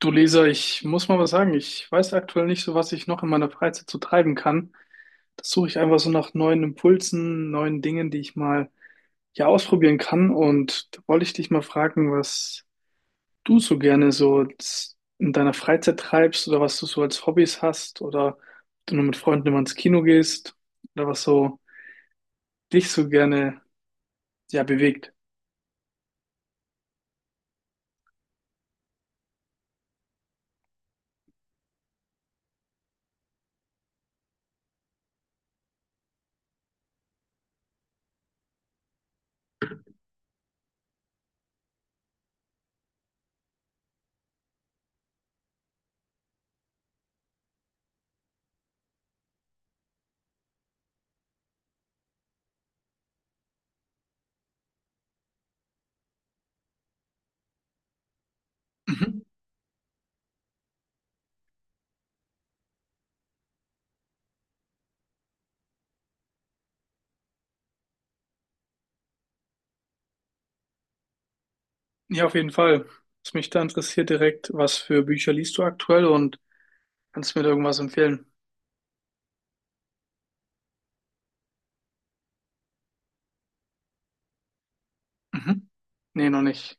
Du Leser, ich muss mal was sagen. Ich weiß aktuell nicht so, was ich noch in meiner Freizeit so treiben kann. Das suche ich einfach so nach neuen Impulsen, neuen Dingen, die ich mal ja ausprobieren kann. Und da wollte ich dich mal fragen, was du so gerne in deiner Freizeit treibst oder was du so als Hobbys hast oder ob du nur mit Freunden immer ins Kino gehst oder was so dich so gerne ja bewegt. Mhm. Ja, auf jeden Fall. Was mich da interessiert direkt, was für Bücher liest du aktuell und kannst du mir da irgendwas empfehlen? Mhm. Nee, noch nicht.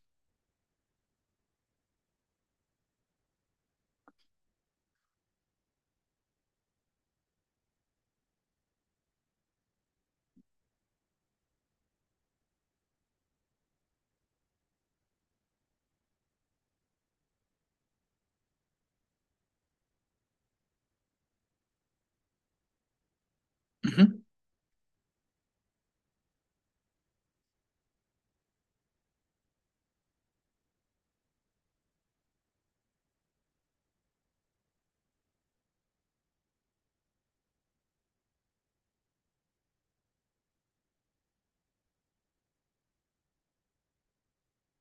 Mhm.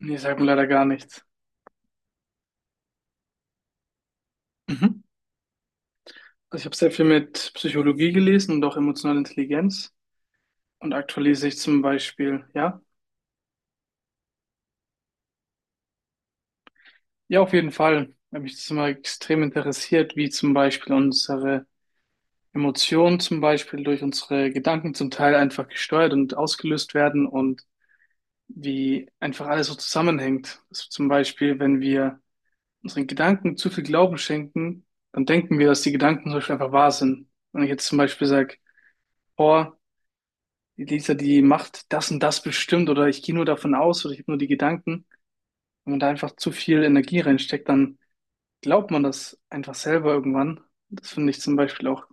Nee, sagt mir leider gar nichts. Mhm. Also ich habe sehr viel mit Psychologie gelesen und auch emotionale Intelligenz. Und aktuell lese ich zum Beispiel, ja, ja, auf jeden Fall, weil mich das immer extrem interessiert, wie zum Beispiel unsere Emotionen zum Beispiel durch unsere Gedanken zum Teil einfach gesteuert und ausgelöst werden und wie einfach alles so zusammenhängt. Also zum Beispiel, wenn wir unseren Gedanken zu viel Glauben schenken, dann denken wir, dass die Gedanken zum Beispiel einfach wahr sind. Wenn ich jetzt zum Beispiel sage, oh Lisa, die macht das und das bestimmt, oder ich gehe nur davon aus oder ich habe nur die Gedanken, wenn man da einfach zu viel Energie reinsteckt, dann glaubt man das einfach selber irgendwann. Das finde ich zum Beispiel auch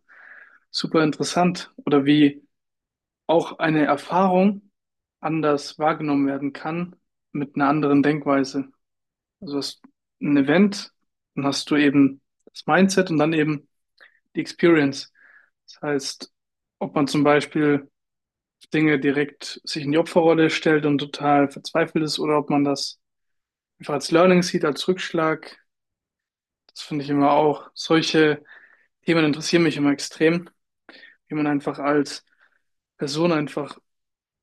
super interessant. Oder wie auch eine Erfahrung anders wahrgenommen werden kann mit einer anderen Denkweise. Also du hast ein Event, dann hast du eben das Mindset und dann eben die Experience. Das heißt, ob man zum Beispiel Dinge direkt sich in die Opferrolle stellt und total verzweifelt ist, oder ob man das einfach als Learning sieht, als Rückschlag. Das finde ich immer auch. Solche Themen interessieren mich immer extrem, wie man einfach als Person einfach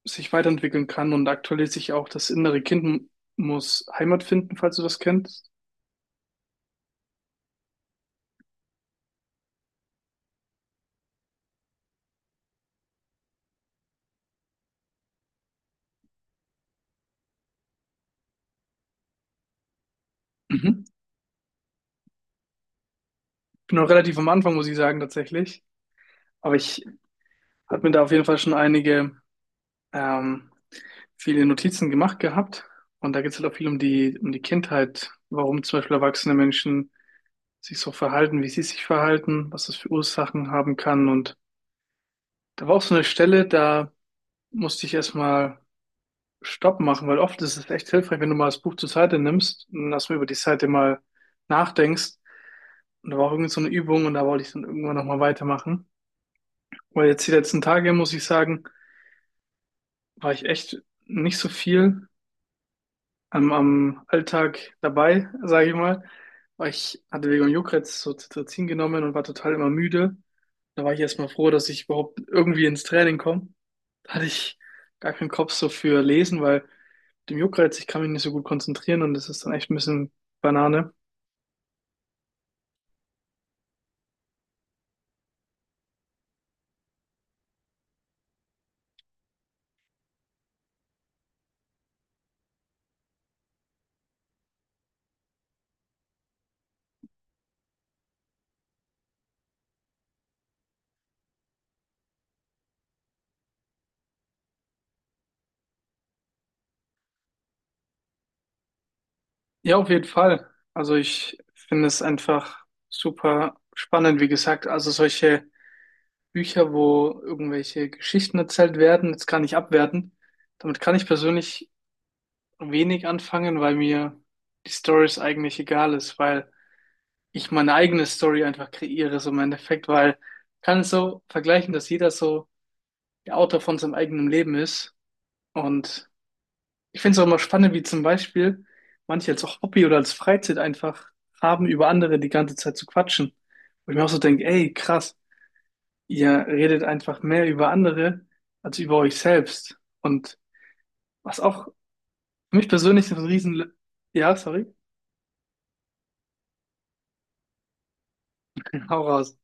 sich weiterentwickeln kann und aktuell sich auch das innere Kind muss Heimat finden, falls du das kennst. Mhm. Ich bin noch relativ am Anfang, muss ich sagen, tatsächlich. Aber ich habe mir da auf jeden Fall schon einige ähm, viele Notizen gemacht gehabt und da geht es halt auch viel um die Kindheit, warum zum Beispiel erwachsene Menschen sich so verhalten, wie sie sich verhalten, was das für Ursachen haben kann. Und da war auch so eine Stelle, da musste ich erstmal Stopp machen, weil oft ist es echt hilfreich, wenn du mal das Buch zur Seite nimmst und erstmal über die Seite mal nachdenkst. Und da war auch irgendwie so eine Übung und da wollte ich dann irgendwann nochmal weitermachen. Weil jetzt die letzten Tage, muss ich sagen, war ich echt nicht so viel am Alltag dabei, sage ich mal. Weil ich hatte wegen dem Juckreiz so Cetirizin genommen und war total immer müde. Da war ich erstmal froh, dass ich überhaupt irgendwie ins Training komme. Da hatte ich gar keinen Kopf so für Lesen, weil mit dem Juckreiz, ich kann mich nicht so gut konzentrieren und das ist dann echt ein bisschen Banane. Ja, auf jeden Fall. Also ich finde es einfach super spannend, wie gesagt. Also solche Bücher, wo irgendwelche Geschichten erzählt werden, jetzt gar nicht abwerten. Damit kann ich persönlich wenig anfangen, weil mir die Stories eigentlich egal ist, weil ich meine eigene Story einfach kreiere, so im Endeffekt, weil ich kann es so vergleichen, dass jeder so der Autor von seinem eigenen Leben ist. Und ich finde es auch immer spannend, wie zum Beispiel manche als auch Hobby oder als Freizeit einfach haben, über andere die ganze Zeit zu quatschen. Wo ich mir auch so denke, ey, krass, ihr redet einfach mehr über andere als über euch selbst. Und was auch für mich persönlich so ein Riesen... Ja, sorry, hau raus.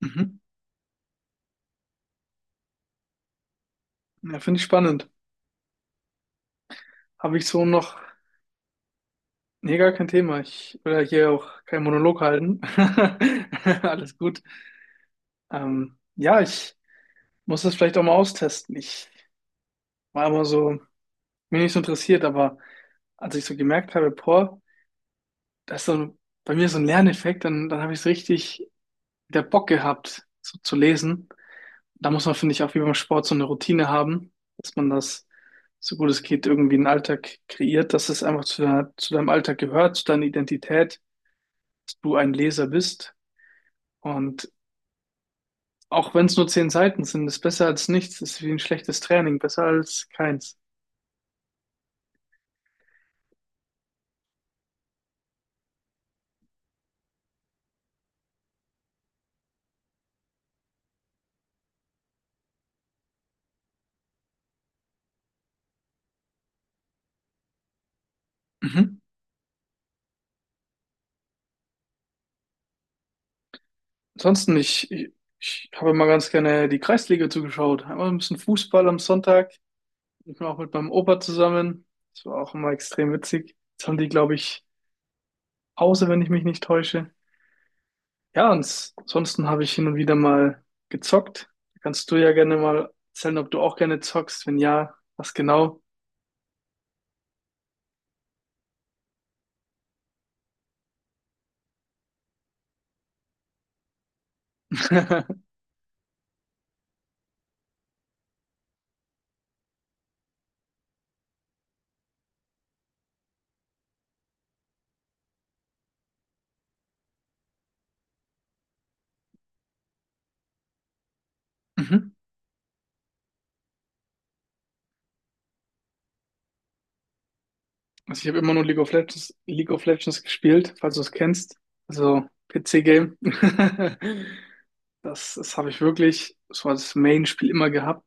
Mhm. Ja, finde ich spannend. Habe ich so noch, nee, gar kein Thema. Ich will ja hier auch keinen Monolog halten. Alles gut. Ja, ich muss das vielleicht auch mal austesten. Ich war immer so, mir nicht so interessiert, aber als ich so gemerkt habe, boah, das ist so ein, bei mir so ein Lerneffekt, dann habe ich es richtig wieder Bock gehabt, so zu lesen. Da muss man, finde ich, auch wie beim Sport so eine Routine haben, dass man das, so gut es geht, irgendwie einen Alltag kreiert, dass es einfach zu deinem Alltag gehört, zu deiner Identität, dass du ein Leser bist. Und auch wenn es nur 10 Seiten sind, ist besser als nichts, ist wie ein schlechtes Training, besser als keins. Mhm. Ansonsten, ich habe immer ganz gerne die Kreisliga zugeschaut. Einmal ein bisschen Fußball am Sonntag. Ich war auch mit meinem Opa zusammen. Das war auch immer extrem witzig. Jetzt haben die, glaube ich, Pause, wenn ich mich nicht täusche. Ja, und ansonsten habe ich hin und wieder mal gezockt. Kannst du ja gerne mal erzählen, ob du auch gerne zockst. Wenn ja, was genau? Mhm. Also ich habe immer nur League of Legends gespielt, falls du es kennst. Also PC-Game. Das habe ich wirklich so als Main-Spiel immer gehabt.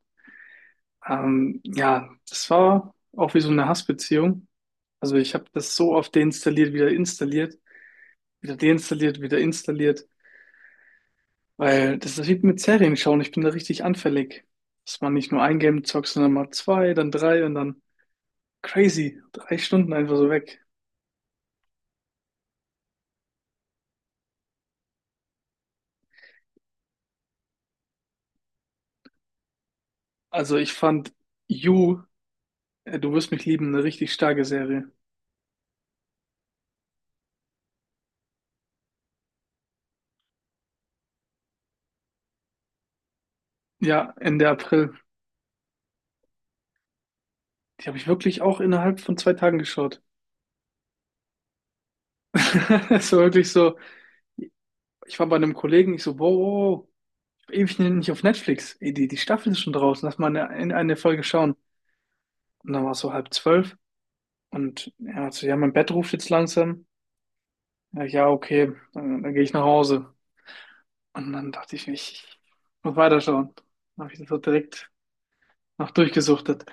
Ja, das war auch wie so eine Hassbeziehung. Also ich habe das so oft deinstalliert, wieder installiert, wieder deinstalliert, wieder installiert, weil das ist wie mit Serien schauen. Ich bin da richtig anfällig, dass man nicht nur ein Game zockt, sondern mal zwei, dann drei und dann crazy, 3 Stunden einfach so weg. Also ich fand You Du wirst mich lieben, eine richtig starke Serie. Ja, Ende April. Die habe ich wirklich auch innerhalb von 2 Tagen geschaut. Es war wirklich so, ich war bei einem Kollegen, ich so, wow, wow, wow, ich war ewig nicht auf Netflix. Ey, die die Staffel ist schon draußen, lass mal eine Folge schauen. Und dann war es so halb zwölf und er hat so, ja, mein Bett ruft jetzt langsam. Ja, ja, okay, dann gehe ich nach Hause. Und dann dachte ich, ich muss weiterschauen. Dann habe ich das so direkt noch durchgesuchtet.